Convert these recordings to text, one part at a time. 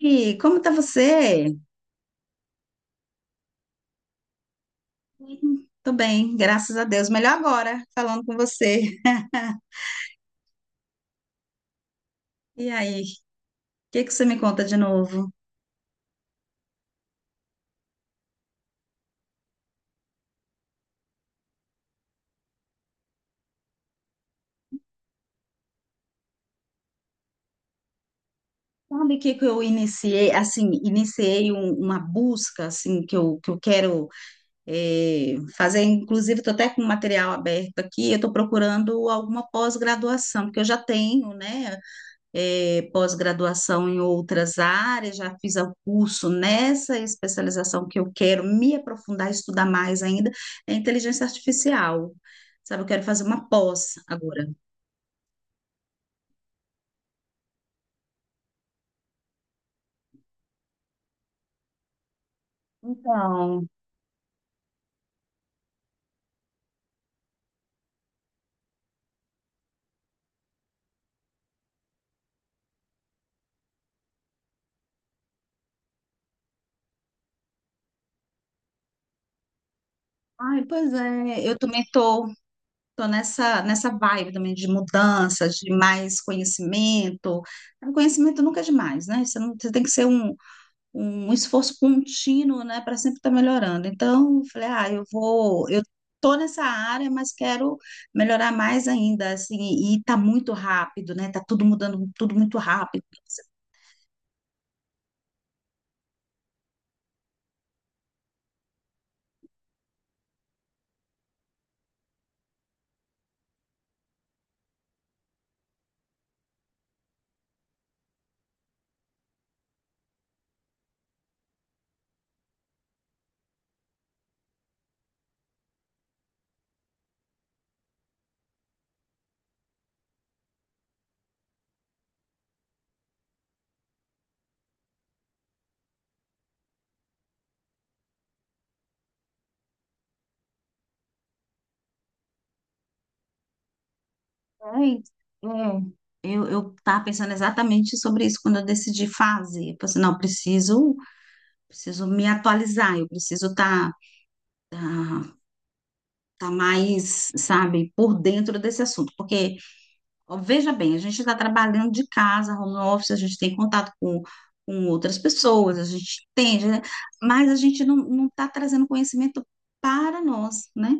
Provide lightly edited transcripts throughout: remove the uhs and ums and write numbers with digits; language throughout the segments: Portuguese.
E como tá você? Tô bem, graças a Deus. Melhor agora, falando com você. E aí, o que que você me conta de novo? Sabe o que que eu iniciei, assim, iniciei uma busca, assim, que eu quero fazer, inclusive estou até com o material aberto aqui, eu estou procurando alguma pós-graduação, porque eu já tenho, né? Pós-graduação em outras áreas, já fiz o curso nessa especialização que eu quero me aprofundar, estudar mais ainda, é inteligência artificial. Sabe, eu quero fazer uma pós agora. Então, ai, pois é, eu também tô, tô nessa, nessa vibe também de mudança, de mais conhecimento. O conhecimento nunca é demais, né? Você não, você tem que ser um, um esforço contínuo, né, para sempre estar melhorando. Então, eu falei, ah, eu tô nessa área, mas quero melhorar mais ainda, assim, e tá muito rápido, né? Tá tudo mudando, tudo muito rápido. Ai, é. Eu tava pensando exatamente sobre isso quando eu decidi fazer. Eu pensei, não, preciso, preciso me atualizar, eu preciso estar tá, tá, tá mais, sabe, por dentro desse assunto, porque ó, veja bem, a gente está trabalhando de casa, home office, a gente tem contato com outras pessoas, a gente entende, né? Mas a gente não está trazendo conhecimento para nós, né?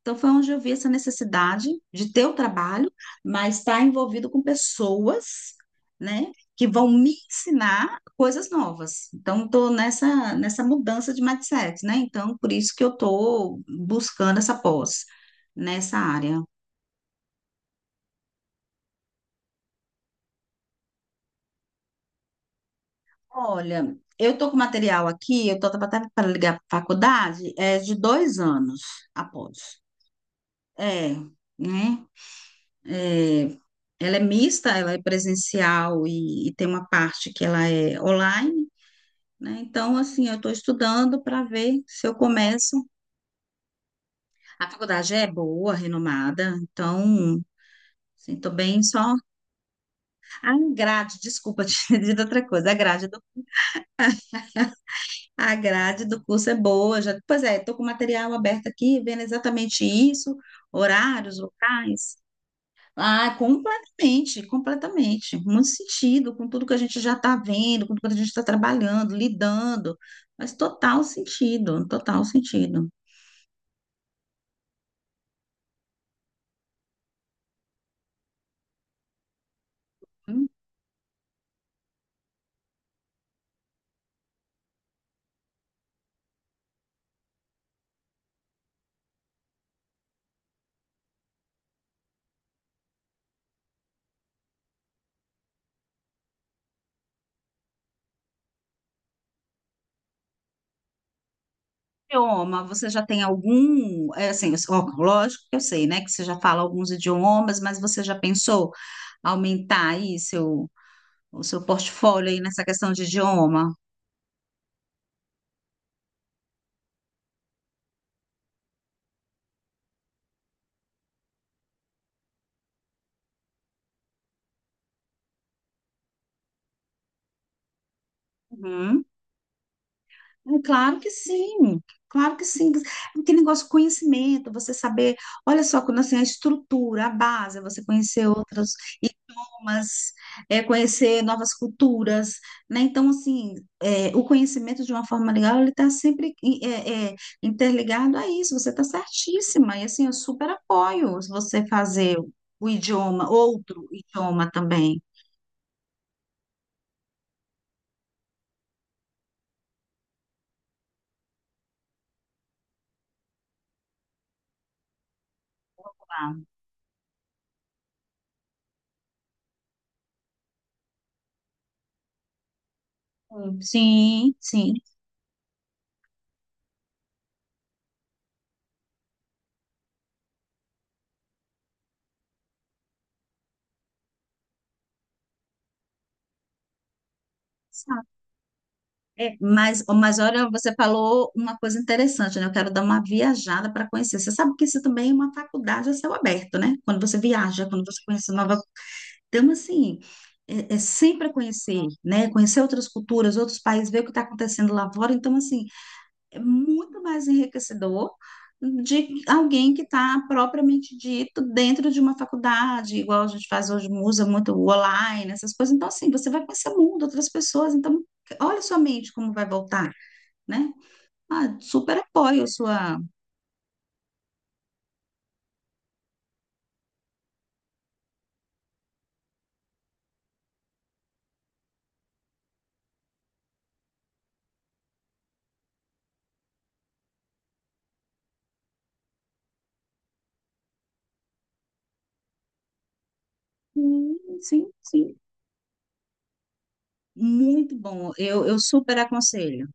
Então foi onde eu vi essa necessidade de ter o trabalho, mas estar envolvido com pessoas, né? Que vão me ensinar coisas novas. Então estou nessa mudança de mindset, né? Então por isso que eu estou buscando essa pós nessa área. Olha, eu tô com material aqui, eu tô até para ligar para a faculdade, é de dois anos após. É, né? É, ela é mista, ela é presencial e tem uma parte que ela é online, né? Então, assim, eu estou estudando para ver se eu começo. A faculdade é boa, renomada, então, assim, tô bem só. A grade, desculpa te dizer outra coisa, a grade, a grade do curso é boa, já, pois é, estou com o material aberto aqui, vendo exatamente isso, horários, locais. Ah, completamente, completamente. Muito sentido com tudo que a gente já está vendo, com tudo que a gente está trabalhando, lidando. Mas total sentido, total sentido. Hum. Idioma, você já tem algum, é, assim, ó, lógico que eu sei, né, que você já fala alguns idiomas, mas você já pensou aumentar aí seu, o seu portfólio aí nessa questão de idioma? Uhum. É claro que sim, claro que sim. Aquele negócio de conhecimento, você saber, olha só, quando assim, a estrutura, a base, você conhecer outros idiomas, é, conhecer novas culturas, né? Então, assim, é, o conhecimento de uma forma legal, ele está sempre interligado a isso, você está certíssima, e assim, eu super apoio se você fazer o idioma, outro idioma também. Claro. Sim, sim. É, mas olha, você falou uma coisa interessante, né? Eu quero dar uma viajada para conhecer. Você sabe que isso também é uma faculdade a céu aberto, né? Quando você viaja, quando você conhece nova. Então, assim, é, é sempre conhecer, né? Conhecer outras culturas, outros países, ver o que está acontecendo lá fora. Então, assim, é muito mais enriquecedor de alguém que está propriamente dito dentro de uma faculdade, igual a gente faz hoje, usa muito o online, essas coisas. Então, assim, você vai conhecer o mundo, outras pessoas. Então, olha sua mente como vai voltar, né? Ah, super apoio a sua. Hum. Sim, sim. Muito bom. Eu super aconselho.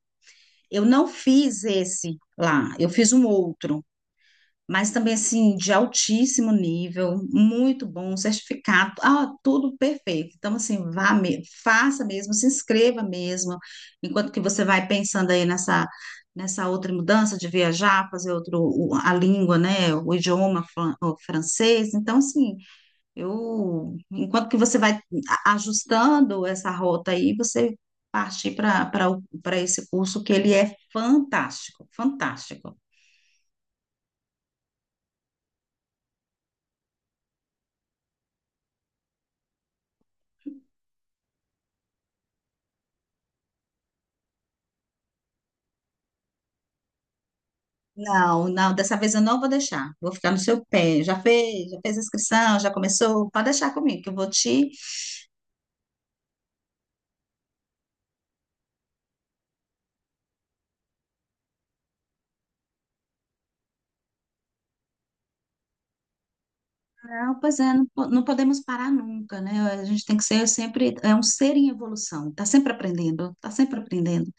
Eu não fiz esse lá, eu fiz um outro, mas também assim, de altíssimo nível, muito bom, um certificado, ah, tudo perfeito. Então, assim, vá me, faça mesmo, se inscreva mesmo, enquanto que você vai pensando aí nessa, nessa outra mudança de viajar, fazer outro, a língua, né? O idioma o francês. Então, assim. Eu, enquanto que você vai ajustando essa rota aí, você parte para para esse curso que ele é fantástico, fantástico. Não, não, dessa vez eu não vou deixar. Vou ficar no seu pé. Já fez a inscrição, já começou. Pode deixar comigo, que eu vou te. Não, pois é, não, não podemos parar nunca, né? A gente tem que ser sempre, é um ser em evolução. Tá sempre aprendendo, tá sempre aprendendo.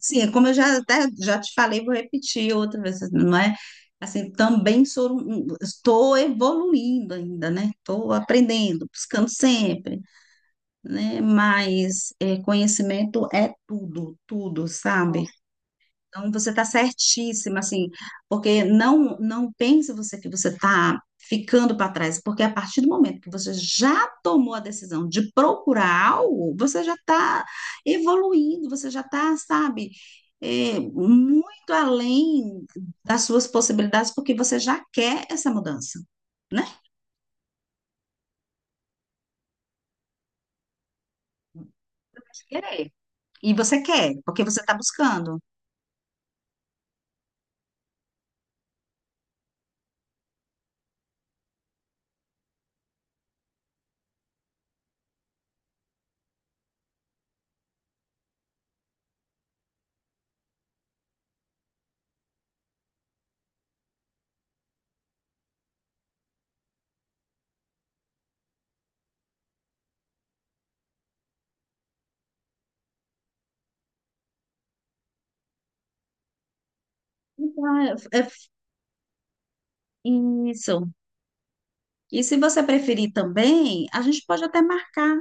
Sim, é como eu já até já te falei, vou repetir outra vez, não é? Assim, também sou, estou evoluindo ainda, né? Estou aprendendo, buscando sempre, né? Mas é, conhecimento é tudo, tudo, sabe? Então, você está certíssima, assim, porque não pense você que você está ficando para trás, porque a partir do momento que você já tomou a decisão de procurar algo, você já está evoluindo, você já está, sabe, é, muito além das suas possibilidades, porque você já quer essa mudança, né? Você vai querer. E você quer, porque você está buscando. Então, é, é isso. E se você preferir também, a gente pode até marcar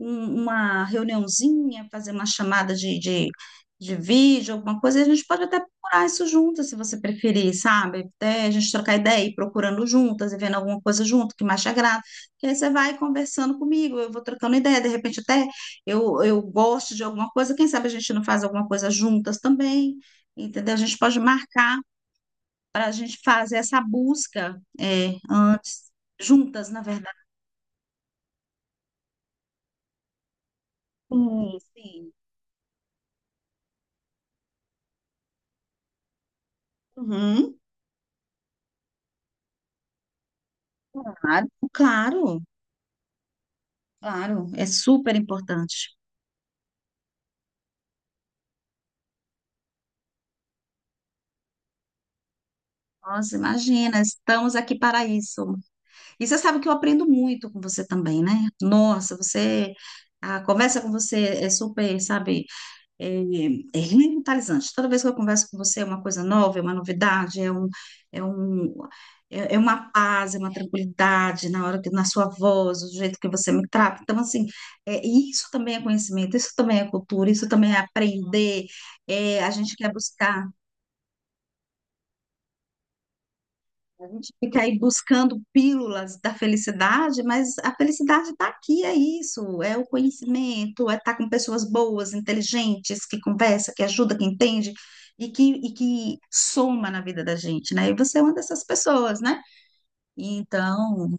uma reuniãozinha, fazer uma chamada de vídeo, alguma coisa, e a gente pode até procurar isso juntas, se você preferir, sabe? Até a gente trocar ideia e ir procurando juntas e vendo alguma coisa junto que mais te agrada. Que aí você vai conversando comigo, eu vou trocando ideia, de repente até eu gosto de alguma coisa, quem sabe a gente não faz alguma coisa juntas também, entendeu? A gente pode marcar para a gente fazer essa busca é, juntas, na verdade. Sim. Sim. Uhum, claro, claro. Claro, é super importante. Nossa, imagina, estamos aqui para isso. E você sabe que eu aprendo muito com você também, né? Nossa, você, a conversa com você é super, sabe, é, é revitalizante. Toda vez que eu converso com você é uma coisa nova, é uma novidade, é um, é um, é uma paz, é uma tranquilidade na hora que, na sua voz, do jeito que você me trata. Então, assim, é, isso também é conhecimento, isso também é cultura, isso também é aprender. É, a gente quer buscar. A gente fica aí buscando pílulas da felicidade, mas a felicidade está aqui, é isso, é o conhecimento, é estar com pessoas boas, inteligentes, que conversa, que ajuda, que entende e que soma na vida da gente, né? E você é uma dessas pessoas, né? Então,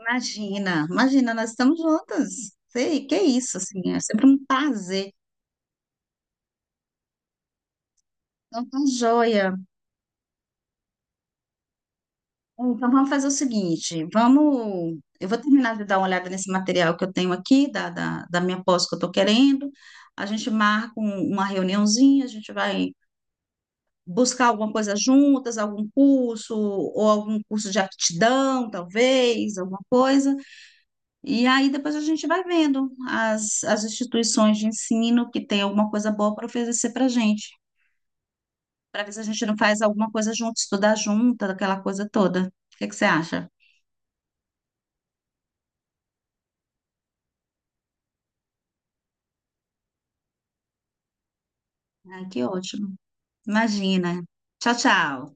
imagina, imagina, nós estamos juntas. Sei, que isso, assim, é sempre um prazer. Então, tá joia. Então, vamos fazer o seguinte, vamos... Eu vou terminar de dar uma olhada nesse material que eu tenho aqui, da minha pós que eu estou querendo. A gente marca uma reuniãozinha, a gente vai buscar alguma coisa juntas, algum curso, ou algum curso de aptidão, talvez, alguma coisa. E aí depois a gente vai vendo as, as instituições de ensino que tem alguma coisa boa para oferecer para a gente, para ver se a gente não faz alguma coisa junto, estudar junto, aquela coisa toda. O que que você acha? Ai, que ótimo. Imagina. Tchau, tchau.